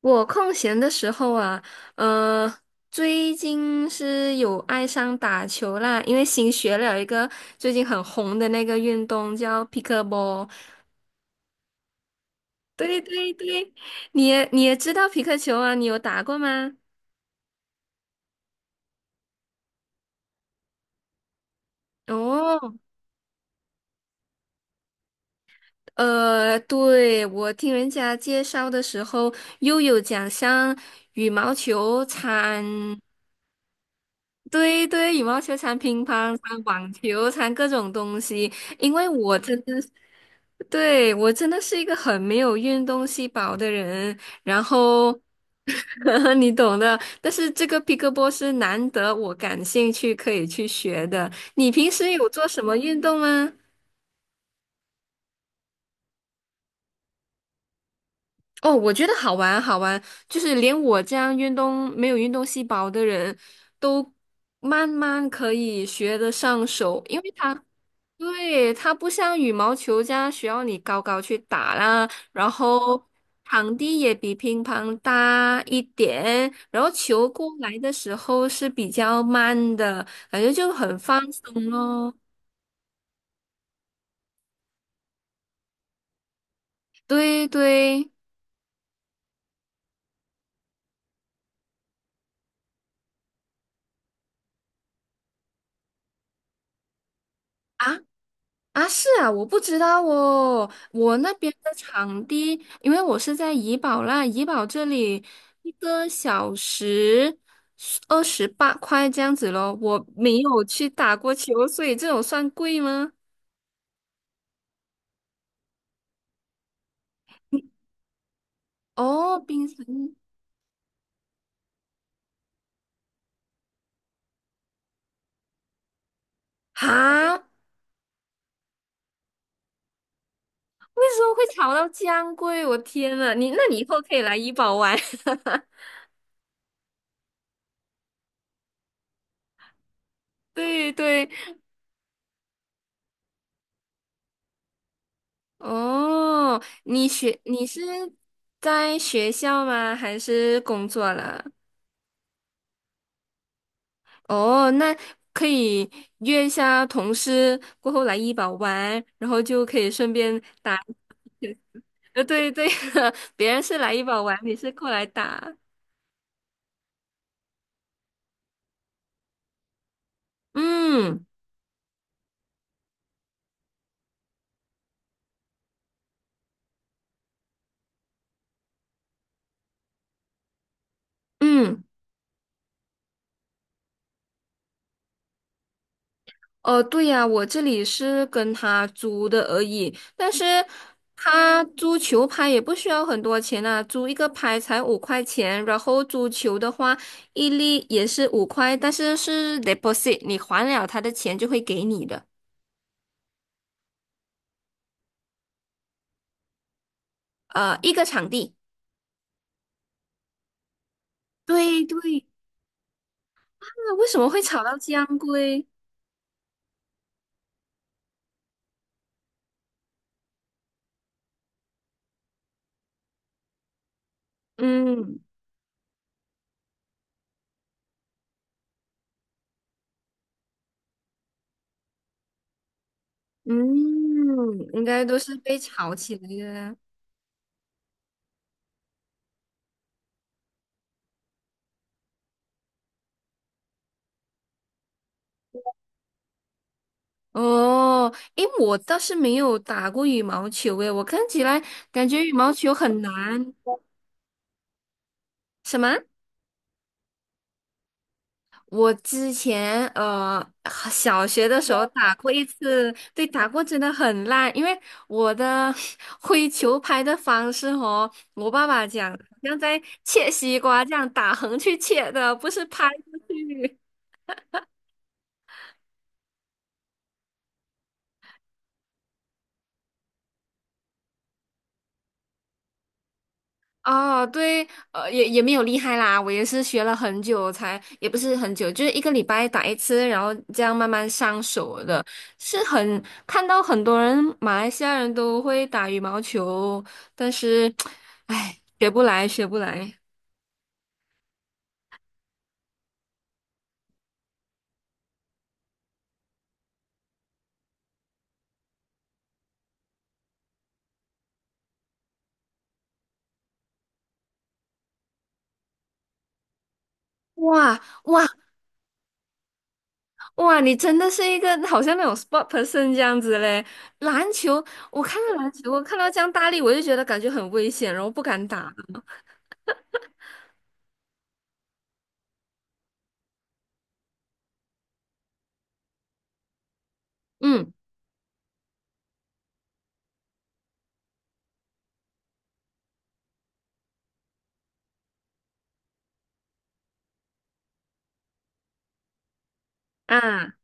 我空闲的时候啊，呃，最近是有爱上打球啦，因为新学了一个最近很红的那个运动叫皮克波。对对对，你也知道皮克球啊，你有打过吗？哦，对，我听人家介绍的时候，又有讲像羽毛球掺，对对，羽毛球掺乒乓、掺网球、掺各种东西。因为我真对，我真的是一个很没有运动细胞的人，然后 你懂的。但是这个 p 克波是难得我感兴趣可以去学的。你平时有做什么运动吗？哦，我觉得好玩好玩，就是连我这样运动没有运动细胞的人都慢慢可以学得上手，因为它。对，它不像羽毛球这样需要你高高去打啦，然后场地也比乒乓大一点，然后球过来的时候是比较慢的，感觉就很放松咯。对对啊，啊，是啊，我不知道哦。我那边的场地，因为我是在怡保啦，怡保这里一个小时28块这样子咯。我没有去打过球，所以这种算贵吗？哦，冰城哈，为什么会炒到这样贵？我天呐，你那你以后可以来怡保玩。对对，哦，你是在学校吗？还是工作了？哦，那可以约一下同事过后来医保玩，然后就可以顺便打。对对，别人是来医保玩，你是过来打。嗯嗯，哦，对呀，我这里是跟他租的而已，但是他租球拍也不需要很多钱啊，租一个拍才5块钱，然后租球的话一粒也是五块，但是是 deposit，你还了他的钱就会给你的，一个场地。对对，啊，为什么会炒到江龟？嗯嗯，应该都是被炒起来的。哦，诶，我倒是没有打过羽毛球，诶，我看起来感觉羽毛球很难。什么？我之前小学的时候打过一次，对，打过真的很烂，因为我的 挥球拍的方式哦，我爸爸讲，好像在切西瓜这样打横去切的，不是拍过去。啊，对，也没有厉害啦，我也是学了很久才，也不是很久，就是一个礼拜打一次，然后这样慢慢上手的，是很看到很多人马来西亚人都会打羽毛球，但是，唉，学不来，学不来。哇哇哇！你真的是一个好像那种 sport person 这样子嘞。篮球，我看到篮球，我看到这样大力，我就觉得感觉很危险，然后不敢打。嗯啊。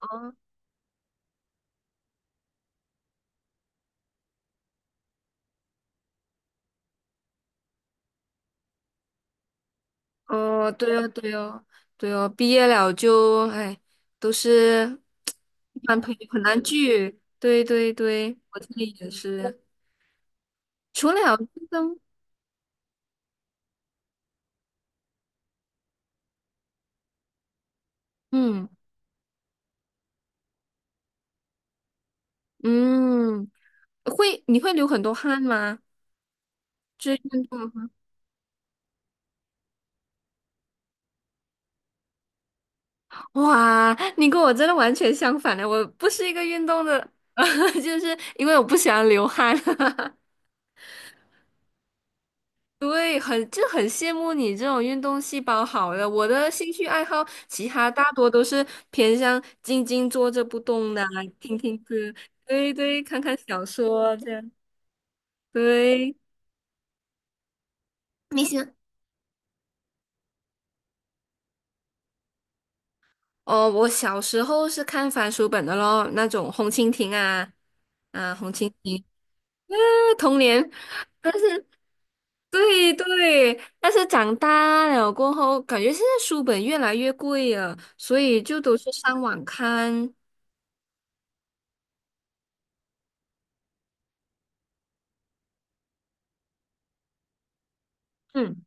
哦哦，对哦，对哦，对哦，毕业了就，哎，都是男朋友很难聚。对对对，我这里也是。除了运动，嗯嗯，你会流很多汗吗？运动的话哇，你跟我真的完全相反的，我不是一个运动的，就是因为我不喜欢流汗。对，很，就很羡慕你这种运动细胞好的。我的兴趣爱好，其他大多都是偏向静静坐着不动的啊听听歌，对对，看看小说这样。对，明星哦，我小时候是看翻书本的咯，那种红蜻蜓啊，啊，红蜻蜓，童年，但是。对对，但是长大了过后，感觉现在书本越来越贵了，所以就都是上网看。嗯。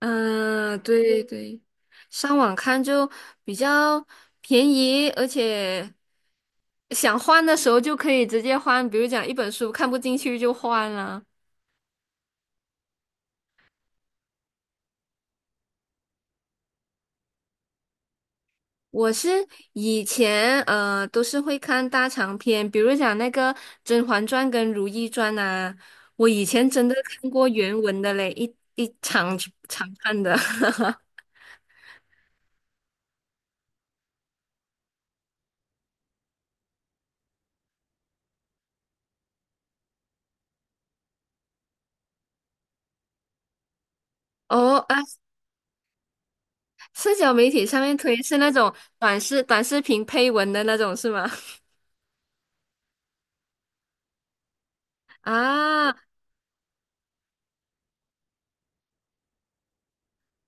嗯，对对，上网看就比较便宜，而且想换的时候就可以直接换，比如讲一本书看不进去就换了。我是以前都是会看大长篇，比如讲那个《甄嬛传》跟《如懿传》呐，我以前真的看过原文的嘞，一长长看的。哦啊，社交媒体上面推是那种短视频配文的那种是吗？啊，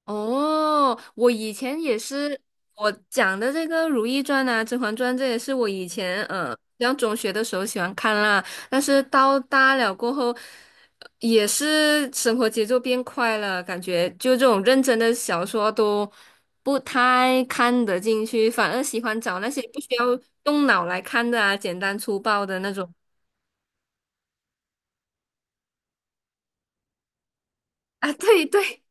哦，我以前也是，我讲的这个《如懿传》啊，《甄嬛传》，这也是我以前嗯，上中学的时候喜欢看啦。但是到大了过后，也是生活节奏变快了，感觉就这种认真的小说都不太看得进去，反而喜欢找那些不需要动脑来看的啊，简单粗暴的那种啊。对对，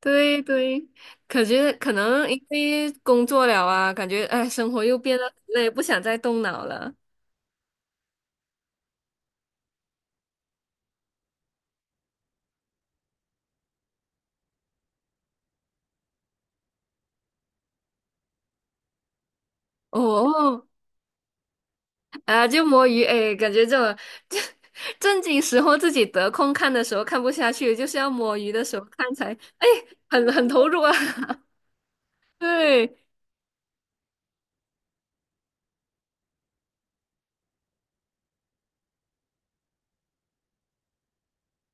对对，感觉可能因为工作了啊，感觉哎，生活又变得很累，不想再动脑了。哦，啊，就摸鱼，哎，感觉这种 正经时候自己得空看的时候看不下去，就是要摸鱼的时候看才，哎，很投入啊。对，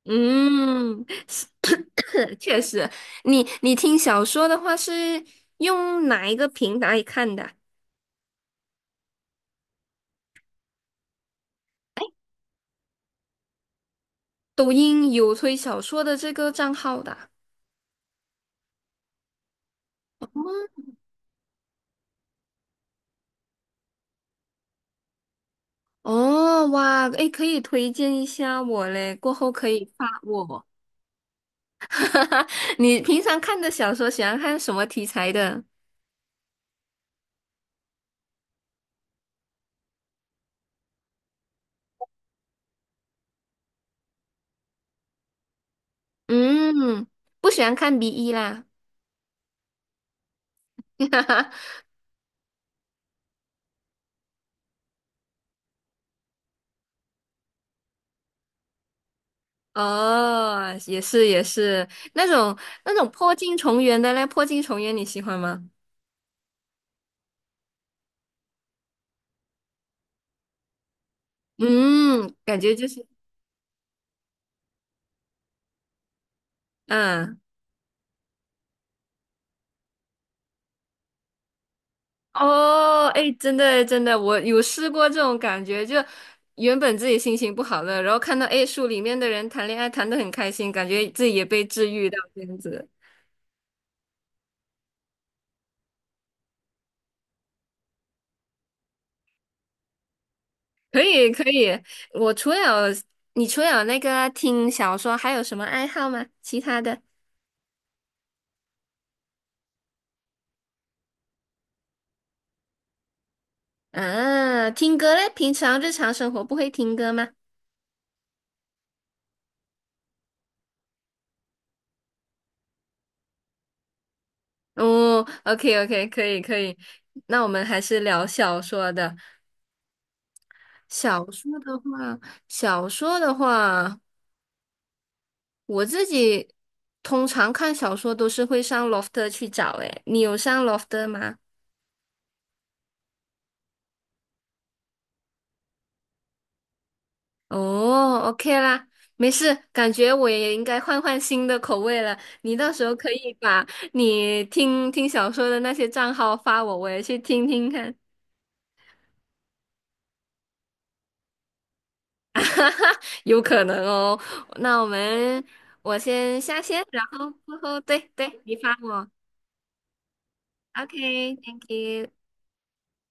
嗯，是，确实，你听小说的话是用哪一个平台看的啊抖音有推小说的这个账号的啊哦，哇，诶，可以推荐一下我嘞，过后可以发我。你平常看的小说喜欢看什么题材的？嗯，不喜欢看 BE 啦。哦，也是也是，那种那种破镜重圆的嘞，破镜重圆你喜欢吗？嗯，感觉就是，嗯。哦，哎，真的真的，我有试过这种感觉，就原本自己心情不好了，然后看到哎书里面的人谈恋爱谈得很开心，感觉自己也被治愈到这样子。可以可以，我除了你除了那个听小说，还有什么爱好吗？其他的啊，听歌嘞？平常日常生活不会听歌吗？哦，OK OK，可以可以，那我们还是聊小说的。小说的话，小说的话。我自己通常看小说都是会上 Lofter 去找，诶，你有上 Lofter 吗？哦，OK 啦，没事，感觉我也应该换换新的口味了。你到时候可以把你听听小说的那些账号发我，我也去听听看，有可能哦。那我们我先下线，然后过后对对，你发我，OK，Thank you。